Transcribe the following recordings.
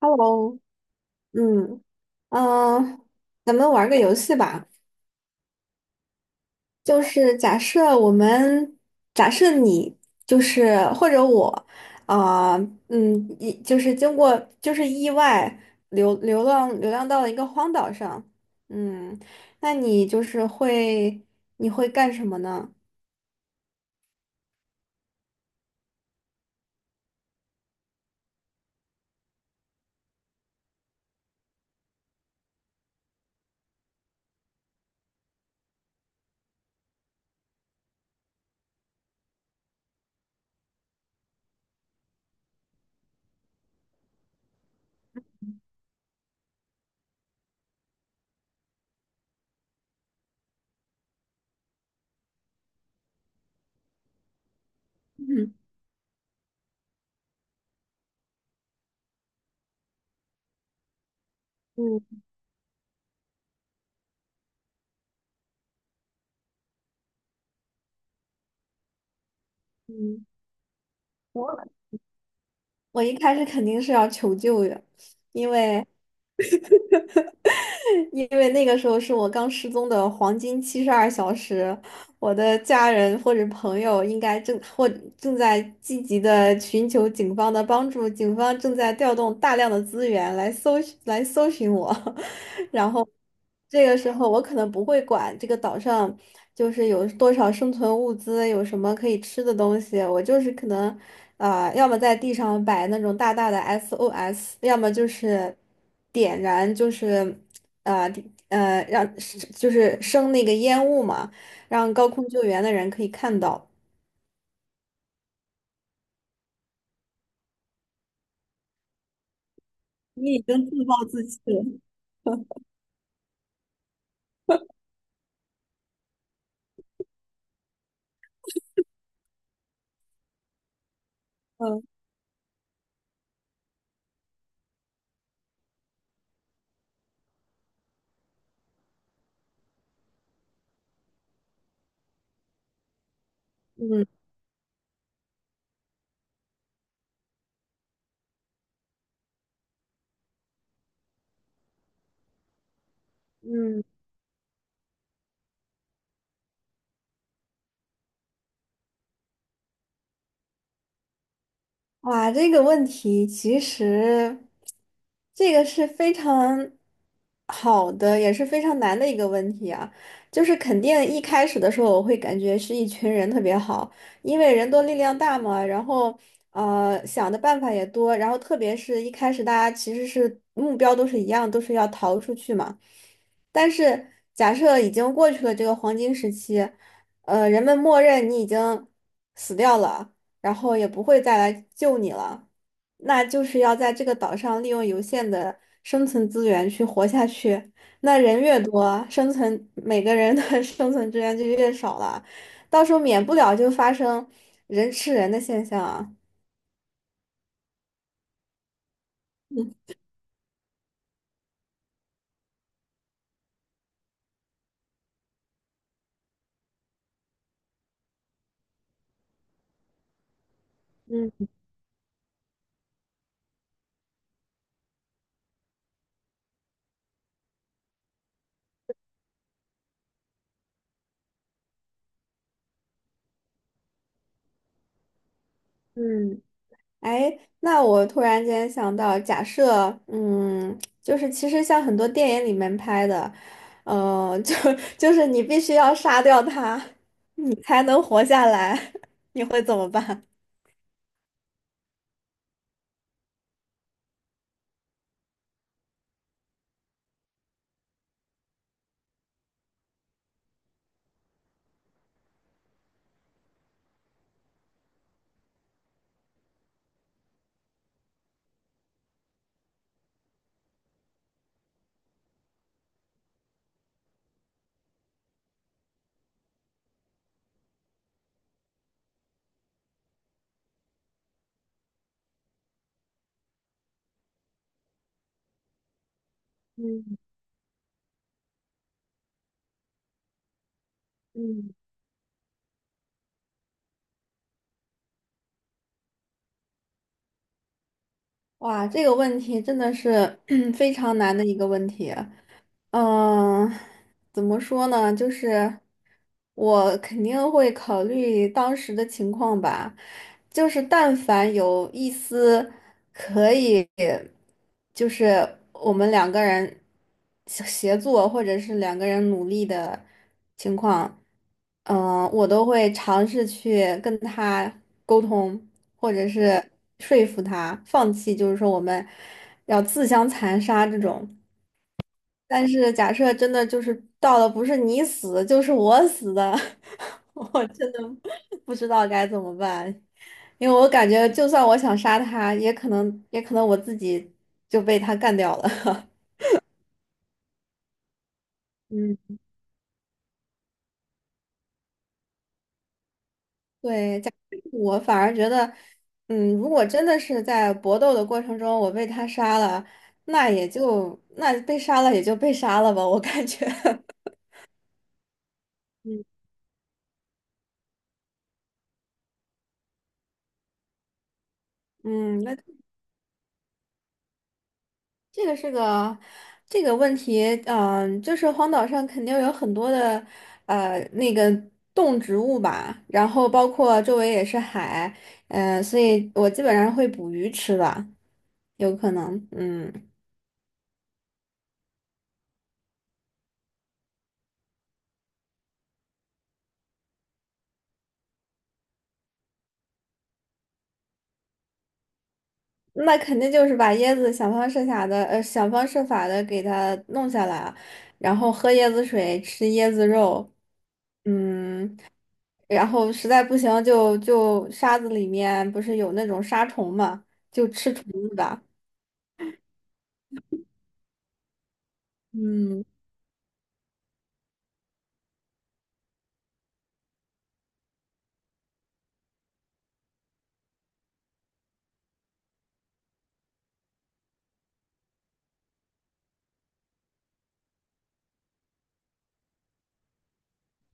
Hello，嗯，嗯，咱们玩个游戏吧。就是假设我们，假设你就是或者我，啊、一就是经过就是意外流浪到了一个荒岛上，嗯，那你会干什么呢？嗯，嗯嗯，我我一开始肯定是要求救的，因为。因为那个时候是我刚失踪的黄金72小时，我的家人或者朋友应该正在积极的寻求警方的帮助，警方正在调动大量的资源来搜寻我，然后这个时候我可能不会管这个岛上就是有多少生存物资，有什么可以吃的东西，我就是可能要么在地上摆那种大大的 SOS，要么就是点燃就是。啊，呃地呃，让是就是升那个烟雾嘛，让高空救援的人可以看到。你已经自暴自弃了。嗯嗯嗯。哇，这个问题其实这个是非常好的，也是非常难的一个问题啊。就是肯定一开始的时候，我会感觉是一群人特别好，因为人多力量大嘛，然后呃想的办法也多，然后特别是一开始大家其实是目标都是一样，都是要逃出去嘛。但是假设已经过去了这个黄金时期，呃，人们默认你已经死掉了。然后也不会再来救你了。那就是要在这个岛上利用有限的生存资源去活下去。那人越多，生存每个人的 生存资源就越少了，到时候免不了就发生人吃人的现象啊。嗯嗯，哎，那我突然间想到，假设，嗯，就是其实像很多电影里面拍的，呃，就 就是你必须要杀掉他，你才能活下来，你会怎么办？嗯嗯，哇，这个问题真的是 非常难的一个问题。嗯，怎么说呢？就是我肯定会考虑当时的情况吧，就是但凡有一丝。也就是我们两个人协作，或者是两个人努力的情况，嗯、我都会尝试去跟他沟通，或者是说服他放弃，就是说我们要自相残杀这种。但是假设真的就是到了不是你死就是我死的，我真的不知道该怎么办。因为我感觉就算我想杀他，也可能我自己就被他干掉了。嗯，对，我反而觉得，嗯，如果真的是在搏斗的过程中我被他杀了，那被杀了也就被杀了吧，我感觉，嗯，嗯，那这个是个这个问题，嗯、就是荒岛上肯定有很多的呃那个动植物吧，然后包括周围也是海，嗯，所以我基本上会捕鱼吃的，有可能，嗯，那肯定就是把椰子想方设法的，呃，想方设法的给它弄下来啊，然后喝椰子水，吃椰子肉，嗯。然后实在不行就沙子里面不是有那种沙虫嘛，就吃虫子吧。嗯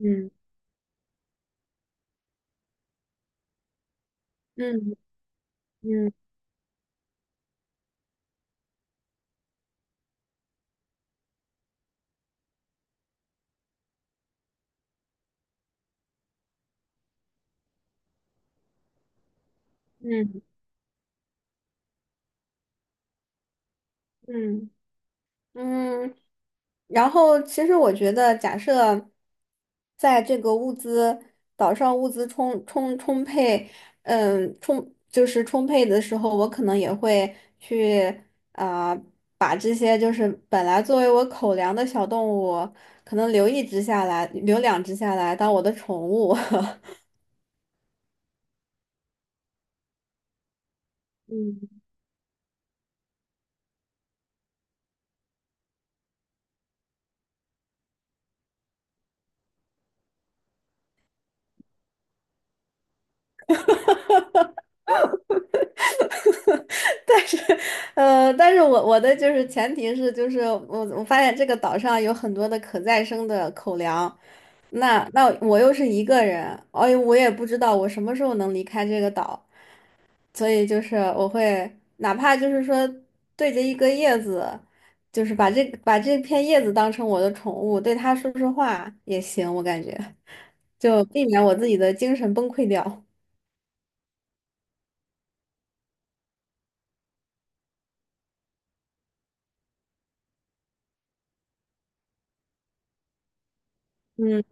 嗯嗯嗯嗯嗯。嗯，然后其实我觉得，假设在这个物资岛上物资充沛，嗯，充就是充沛的时候，我可能也会去啊、呃把这些就是本来作为我口粮的小动物，可能留一只下来，留两只下来当我的宠物。嗯，呃，但是我的就是前提是，就是我发现这个岛上有很多的可再生的口粮，那我又是一个人，哎呦，我也不知道我什么时候能离开这个岛，所以就是我会哪怕就是说对着一个叶子，就是把这片叶子当成我的宠物，对它说说话也行，我感觉就避免我自己的精神崩溃掉。嗯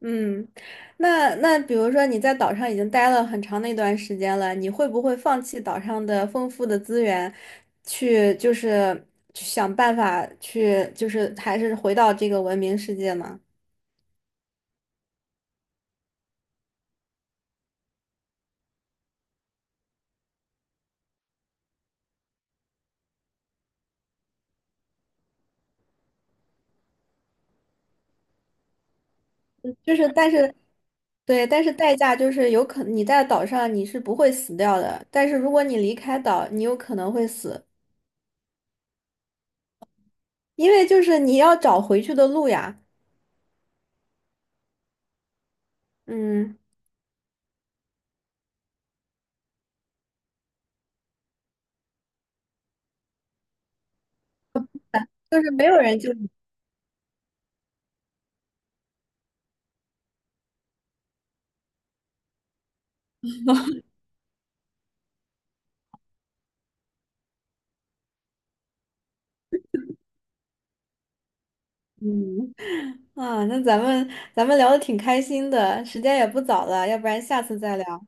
嗯，那比如说你在岛上已经待了很长的一段时间了，你会不会放弃岛上的丰富的资源，去就是去想办法去就是还是回到这个文明世界呢？就是但是对，但是代价就是你在岛上你是不会死掉的，但是如果你离开岛，你有可能会死，因为就是你要找回去的路呀。嗯，就是没有人就你。嗯。啊，那咱们聊的挺开心的，时间也不早了，要不然下次再聊。